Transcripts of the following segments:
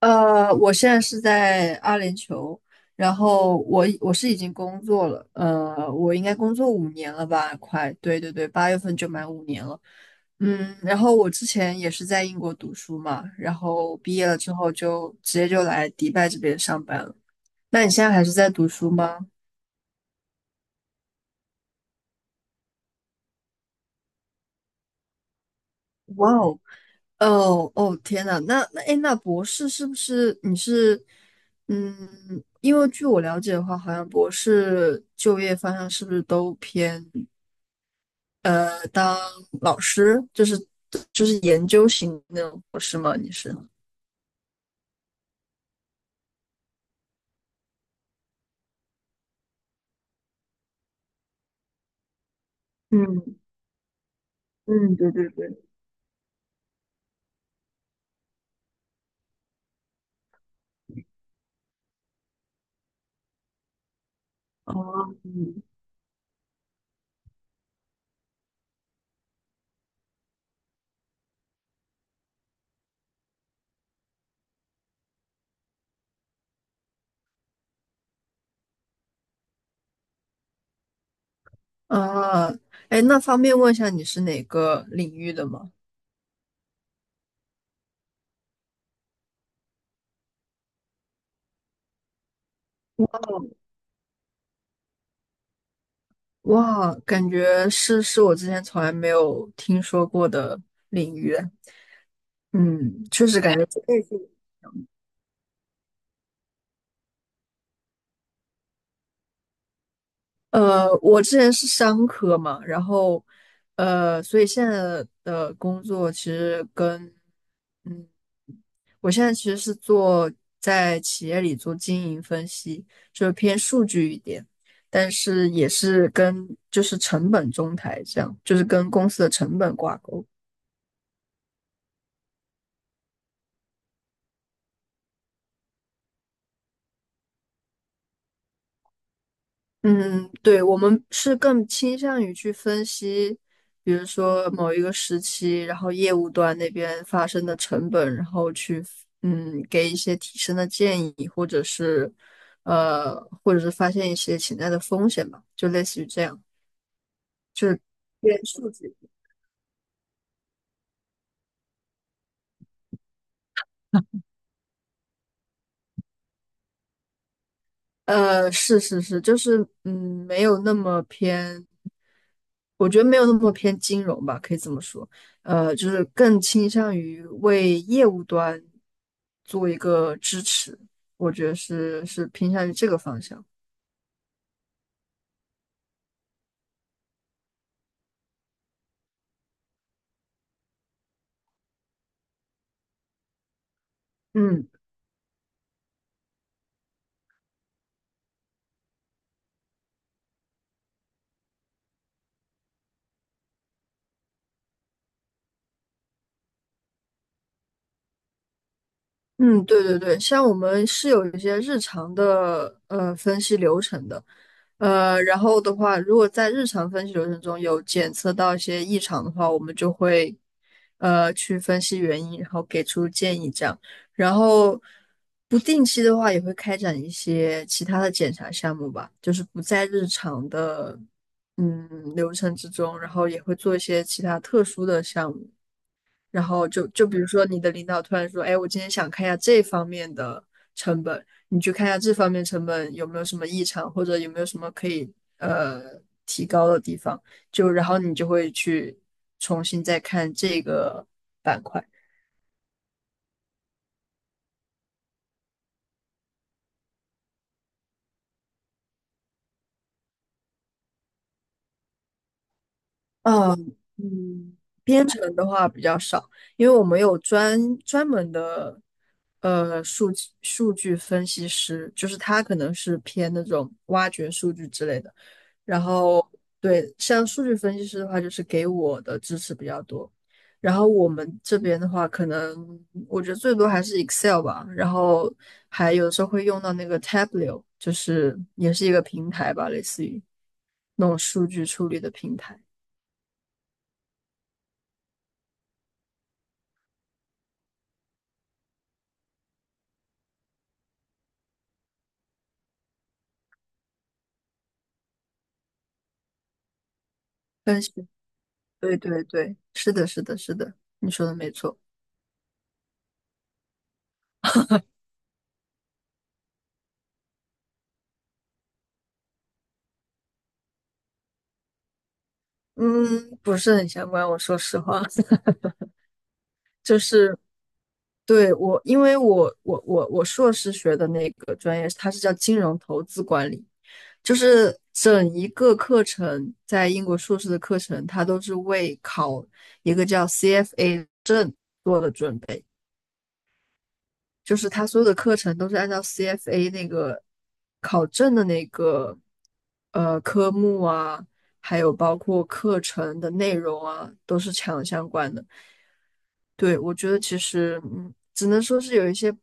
我现在是在阿联酋，然后我已经工作了，我应该工作五年了吧，快，对对对，八月份就满五年了。嗯，然后我之前也是在英国读书嘛，然后毕业了之后就直接就来迪拜这边上班了。那你现在还是在读书吗？哇哦，哦哦，天呐，那博士是不是你是，嗯，因为据我了解的话，好像博士就业方向是不是都偏当老师，就是研究型那种博士吗？你是？嗯嗯，对对对，哦，嗯，啊，哎，那方便问一下你是哪个领域的吗？哦，哇，感觉是我之前从来没有听说过的领域。嗯，确实感觉这个是，我之前是商科嘛，然后，所以现在的工作其实跟，嗯，我现在其实是做在企业里做经营分析，就是偏数据一点，但是也是跟就是成本中台这样，就是跟公司的成本挂钩。嗯，嗯对，我们是更倾向于去分析，比如说某一个时期，然后业务端那边发生的成本，然后去嗯给一些提升的建议，或者是呃，或者是发现一些潜在的风险吧，就类似于这样。对数据。是，就是嗯，没有那么偏，我觉得没有那么偏金融吧，可以这么说，就是更倾向于为业务端做一个支持，我觉得是偏向于这个方向。嗯。嗯，对对对，像我们是有一些日常的分析流程的，然后的话，如果在日常分析流程中有检测到一些异常的话，我们就会去分析原因，然后给出建议这样。然后不定期的话，也会开展一些其他的检查项目吧，就是不在日常的流程之中，然后也会做一些其他特殊的项目。然后就比如说你的领导突然说，哎，我今天想看一下这方面的成本，你去看一下这方面成本有没有什么异常，或者有没有什么可以呃提高的地方，就然后你就会去重新再看这个板块。嗯嗯，编程的话比较少，因为我们有专门的数据分析师，就是他可能是偏那种挖掘数据之类的。然后对，像数据分析师的话，就是给我的支持比较多。然后我们这边的话，可能我觉得最多还是 Excel 吧，然后还有时候会用到那个 Tableau,就是也是一个平台吧，类似于那种数据处理的平台。但是，对对对，是的，是的，是的，你说的没错。嗯，不是很相关，我说实话。就是对我，因为我硕士学的那个专业，它是叫金融投资管理，就是整一个课程，在英国硕士的课程，它都是为考一个叫 CFA 证，就是它所有的课程都是按照 CFA 那个考证的那个科目啊，还有包括课程的内容啊，都是强相关的。对，我觉得其实，嗯，只能说是有一些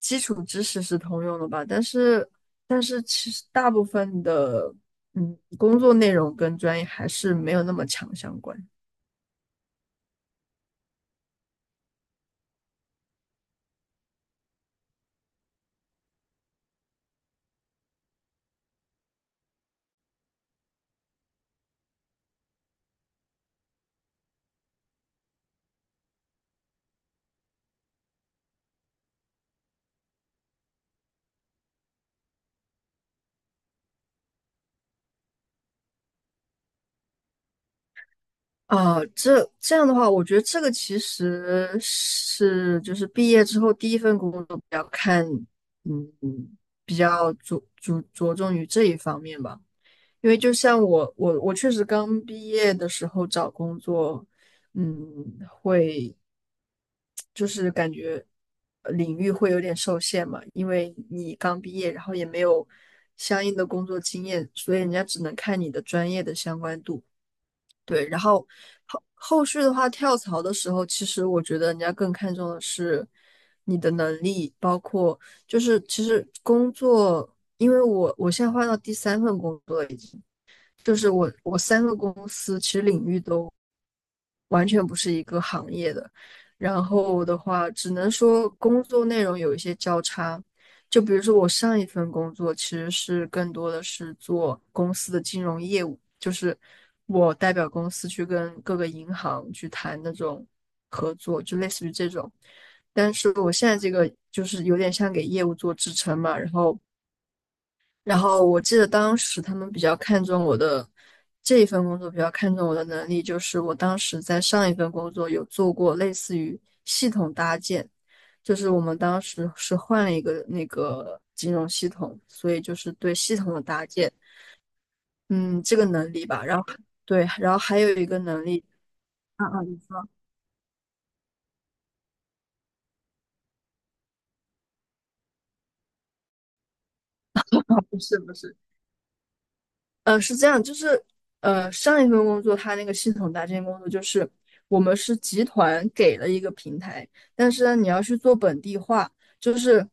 基础知识是通用的吧，但是，但是其实大部分的，嗯，工作内容跟专业还是没有那么强相关。啊，这这样的话，我觉得这个其实是就是毕业之后第一份工作比较看，嗯，比较着重于这一方面吧。因为就像我确实刚毕业的时候找工作，嗯，会就是感觉领域会有点受限嘛，因为你刚毕业，然后也没有相应的工作经验，所以人家只能看你的专业的相关度。对，然后后续的话，跳槽的时候，其实我觉得人家更看重的是你的能力，包括就是其实工作，因为我现在换到第三份工作了已经。就是我三个公司其实领域都完全不是一个行业的，然后的话只能说工作内容有一些交叉，就比如说我上一份工作其实是更多的是做公司的金融业务，就是我代表公司去跟各个银行去谈那种合作，就类似于这种。但是我现在这个就是有点像给业务做支撑嘛，然后我记得当时他们比较看重我的这一份工作，比较看重我的能力，就是我当时在上一份工作有做过类似于系统搭建，就是我们当时是换了一个那个金融系统，所以就是对系统的搭建，嗯，这个能力吧。然后对，然后还有一个能力，啊啊，你说，不是不是。是这样，就是上一份工作它那个系统搭建工作就是我们是集团给了一个平台，但是呢，你要去做本地化，就是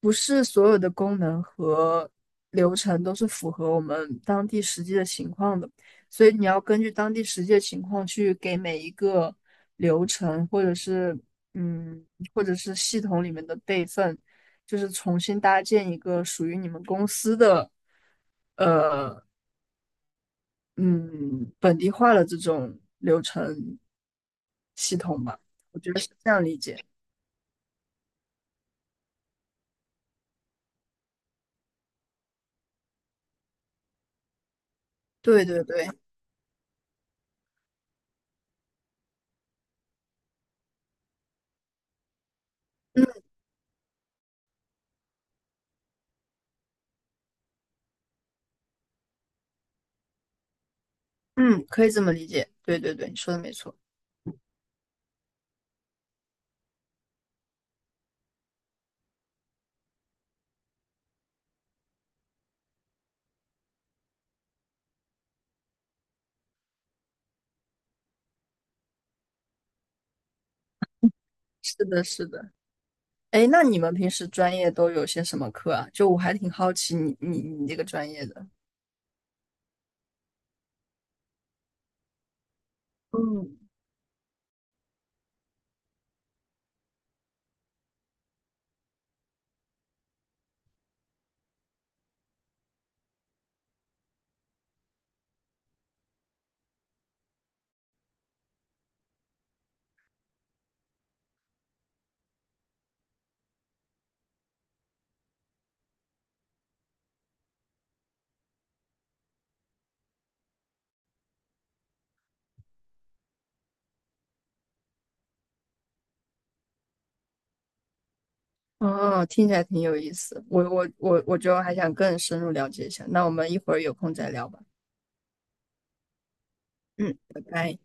不是所有的功能和流程都是符合我们当地实际的情况的，所以你要根据当地实际的情况去给每一个流程或者是嗯，或者是系统里面的备份，就是重新搭建一个属于你们公司的。呃嗯，本地化的这种流程系统吧。对对对，嗯嗯，可以这么理解。对对对，你说的没错。是的，是的。哎，那你们平时专业都有些什么课啊？就我还挺好奇你这个专业的。嗯，哦，听起来挺有意思。我就还想更深入了解一下。那我们一会儿有空再聊吧。嗯，拜拜。